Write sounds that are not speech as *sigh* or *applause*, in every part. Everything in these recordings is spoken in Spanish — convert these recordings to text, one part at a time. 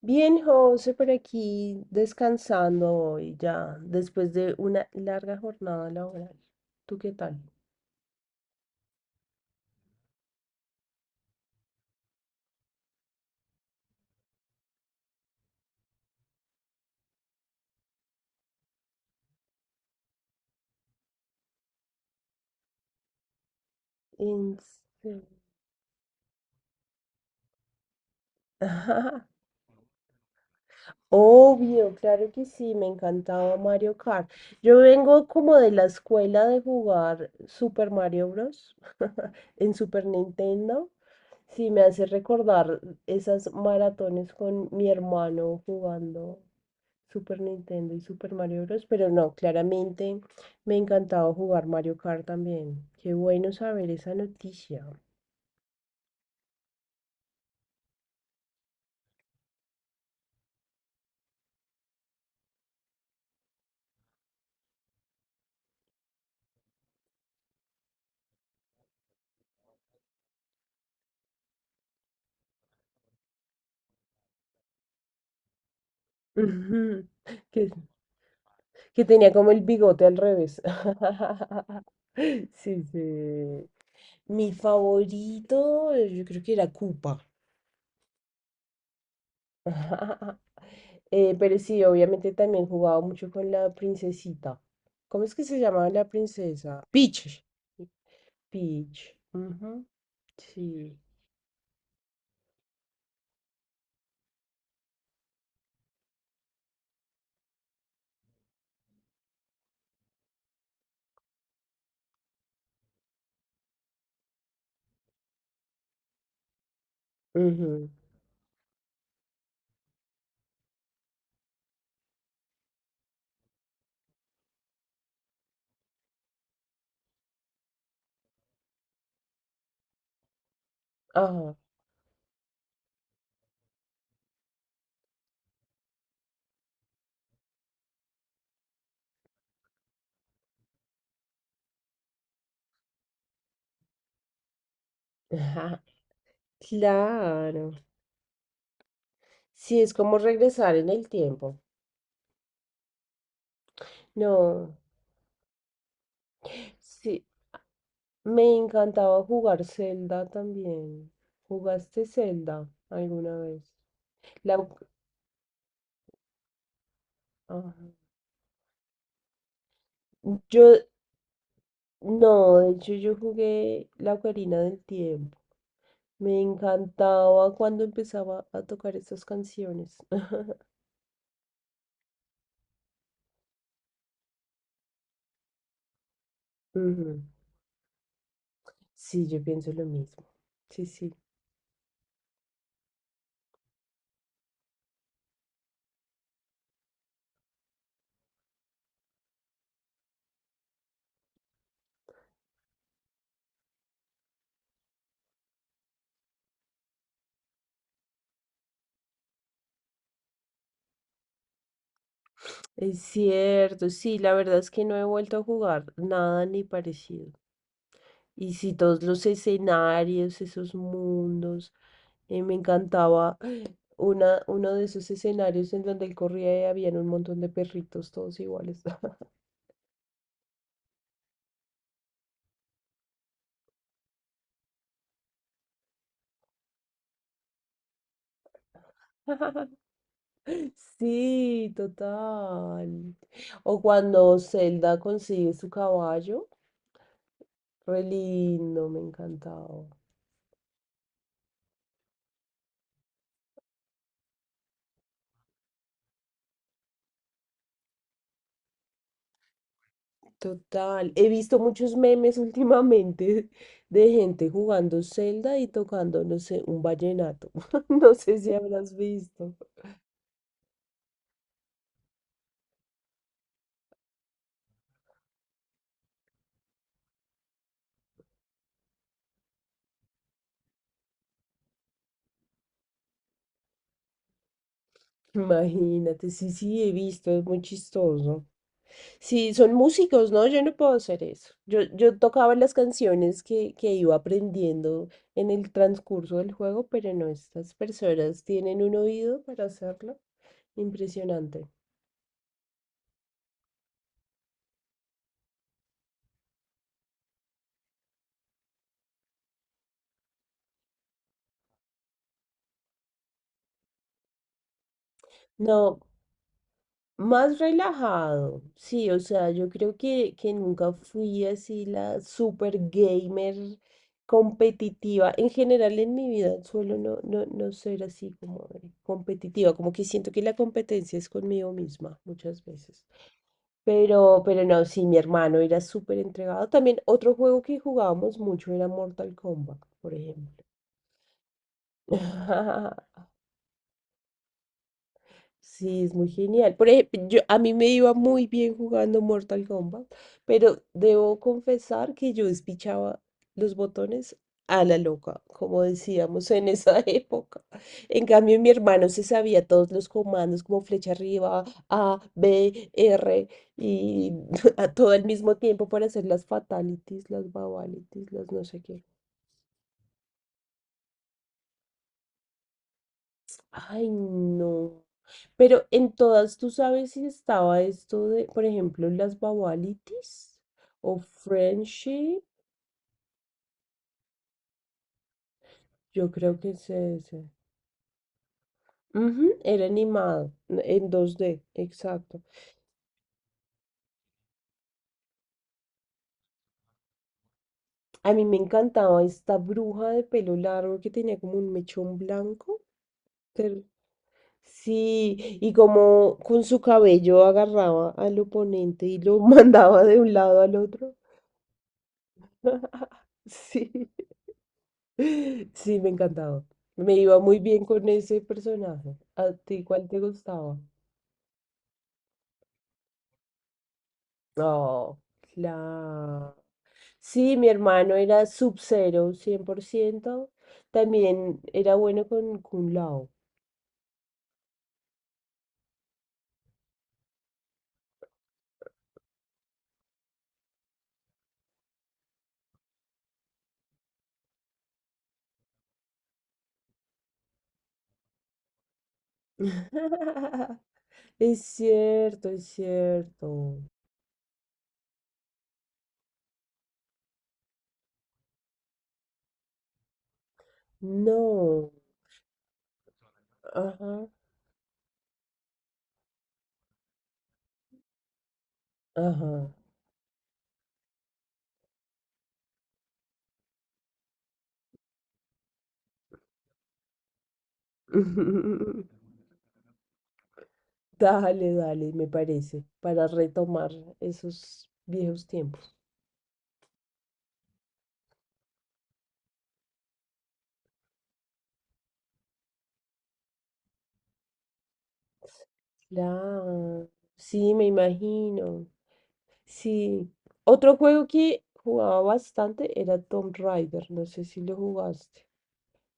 Bien, José, por aquí descansando hoy ya, después de una larga jornada laboral. ¿Tú qué tal? En serio. Ajá, *laughs* obvio, claro que sí, me encantaba Mario Kart. Yo vengo como de la escuela de jugar Super Mario Bros. *laughs* en Super Nintendo. Sí, me hace recordar esas maratones con mi hermano jugando Super Nintendo y Super Mario Bros. Pero no, claramente me encantaba jugar Mario Kart también. Qué bueno saber esa noticia. *laughs* Ujú. Que, que tenía como el bigote al revés. *laughs* Sí, sí. Mi favorito, yo creo que era Koopa. *laughs* Pero sí, obviamente también jugaba mucho con la princesita. ¿Cómo es que se llamaba la princesa? Peach. Peach. Ujú. Sí. Ujú. Ajá. *laughs* Claro. Sí, es como regresar en el tiempo. No. Sí, me encantaba jugar Zelda también. ¿Jugaste Zelda alguna vez? La... oc- ajá. Yo, no, de hecho yo jugué la Ocarina del Tiempo. Me encantaba cuando empezaba a tocar estas canciones. *laughs* Ujú. Sí, yo pienso lo mismo. Sí, sí. Es cierto, sí, la verdad es que no he vuelto a jugar nada ni parecido. Y sí, todos los escenarios, esos mundos, me encantaba uno de esos escenarios en donde él corría y habían un montón de perritos todos iguales. *laughs* Sí, total. O cuando Zelda consigue su caballo. Re lindo, me encantaba. Total. He visto muchos memes *laughs* últimamente de gente jugando Zelda y tocando, no sé, un vallenato. *laughs* No sé si habrás visto. Imagínate, sí, sí, he visto, es muy chistoso. Sí, son músicos, ¿no? Yo no puedo hacer eso. Yo tocaba las canciones que iba aprendiendo en el transcurso del juego, pero no, estas personas tienen un oído para hacerlo. Impresionante. No, más relajado, sí, o sea, yo creo que nunca fui así la super gamer competitiva. En general en mi vida suelo no ser así como de competitiva, como que siento que la competencia es conmigo misma muchas veces. Pero no, sí, mi hermano era súper entregado. También otro juego que jugábamos mucho era Mortal Kombat, por ejemplo. *laughs* Sí, es muy genial. Por ejemplo, a mí me iba muy bien jugando Mortal Kombat, pero debo confesar que yo despichaba los botones a la loca, como decíamos en esa *laughs* época. En cambio, mi hermano se sabía todos los comandos, como flecha arriba, A, B, R, y *laughs* a todo al mismo tiempo para hacer las fatalities, las babalities, las no sé qué. Ay, no. Pero en todas, ¿tú sabes si estaba esto de, por ejemplo, las Babalitis o Friendship? Yo creo que es ese. Ujú, era animado, en 2D, exacto. A mí me encantaba esta bruja de pelo largo que tenía como un mechón blanco. ter- Sí, y como con su cabello agarraba al oponente y lo *laughs* mandaba de un lado al otro. *laughs* Sí. *laughs* Sí, me encantaba. Me iba muy bien con ese personaje. ¿A ti cuál te gustaba? Oh, claro. Sí, mi hermano era Sub-Zero, 100%. También era bueno con Kun Lao. *laughs* Es cierto, es cierto. No. Ajá, ajá. *laughs* Dale, dale, me parece, para retomar esos viejos tiempos. Claro, sí, me imagino. Sí. Otro juego que jugaba bastante era Tomb Raider, no sé si lo jugaste,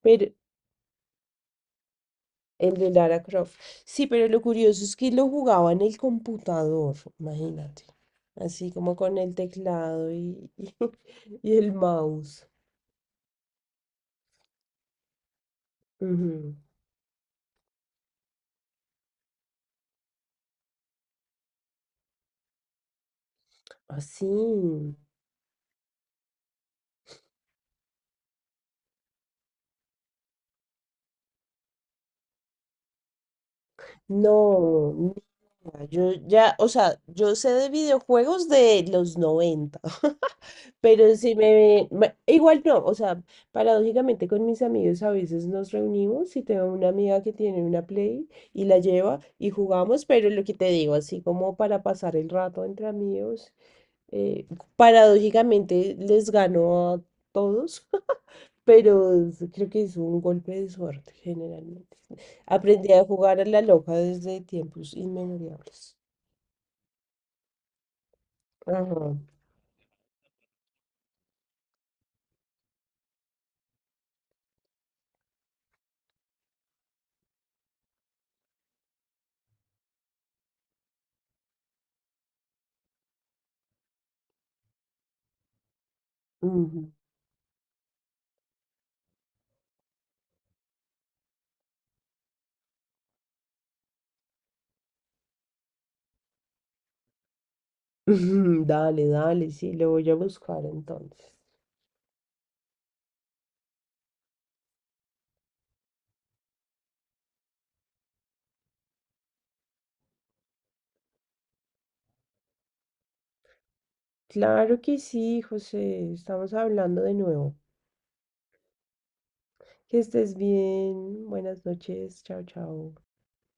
pero el de Lara Croft. Sí, pero lo curioso es que lo jugaba en el computador, imagínate. Así como con el teclado y *laughs* y el mouse. Ujú. Así. No, mira, yo ya, o sea, yo sé de videojuegos de los noventa. *laughs* Pero igual no, o sea, paradójicamente con mis amigos a veces nos reunimos y tengo una amiga que tiene una Play y la lleva y jugamos, pero lo que te digo, así como para pasar el rato entre amigos, eh, paradójicamente les gano a todos, *laughs* pero creo que es un golpe de suerte generalmente. Aprendí a jugar a la loca desde tiempos inmemorables. Ajá. Ujú. *laughs* Dale, dale, sí, lo voy a buscar entonces. Claro que sí, José. Estamos hablando de nuevo. Que estés bien. Buenas noches. Chao, chao.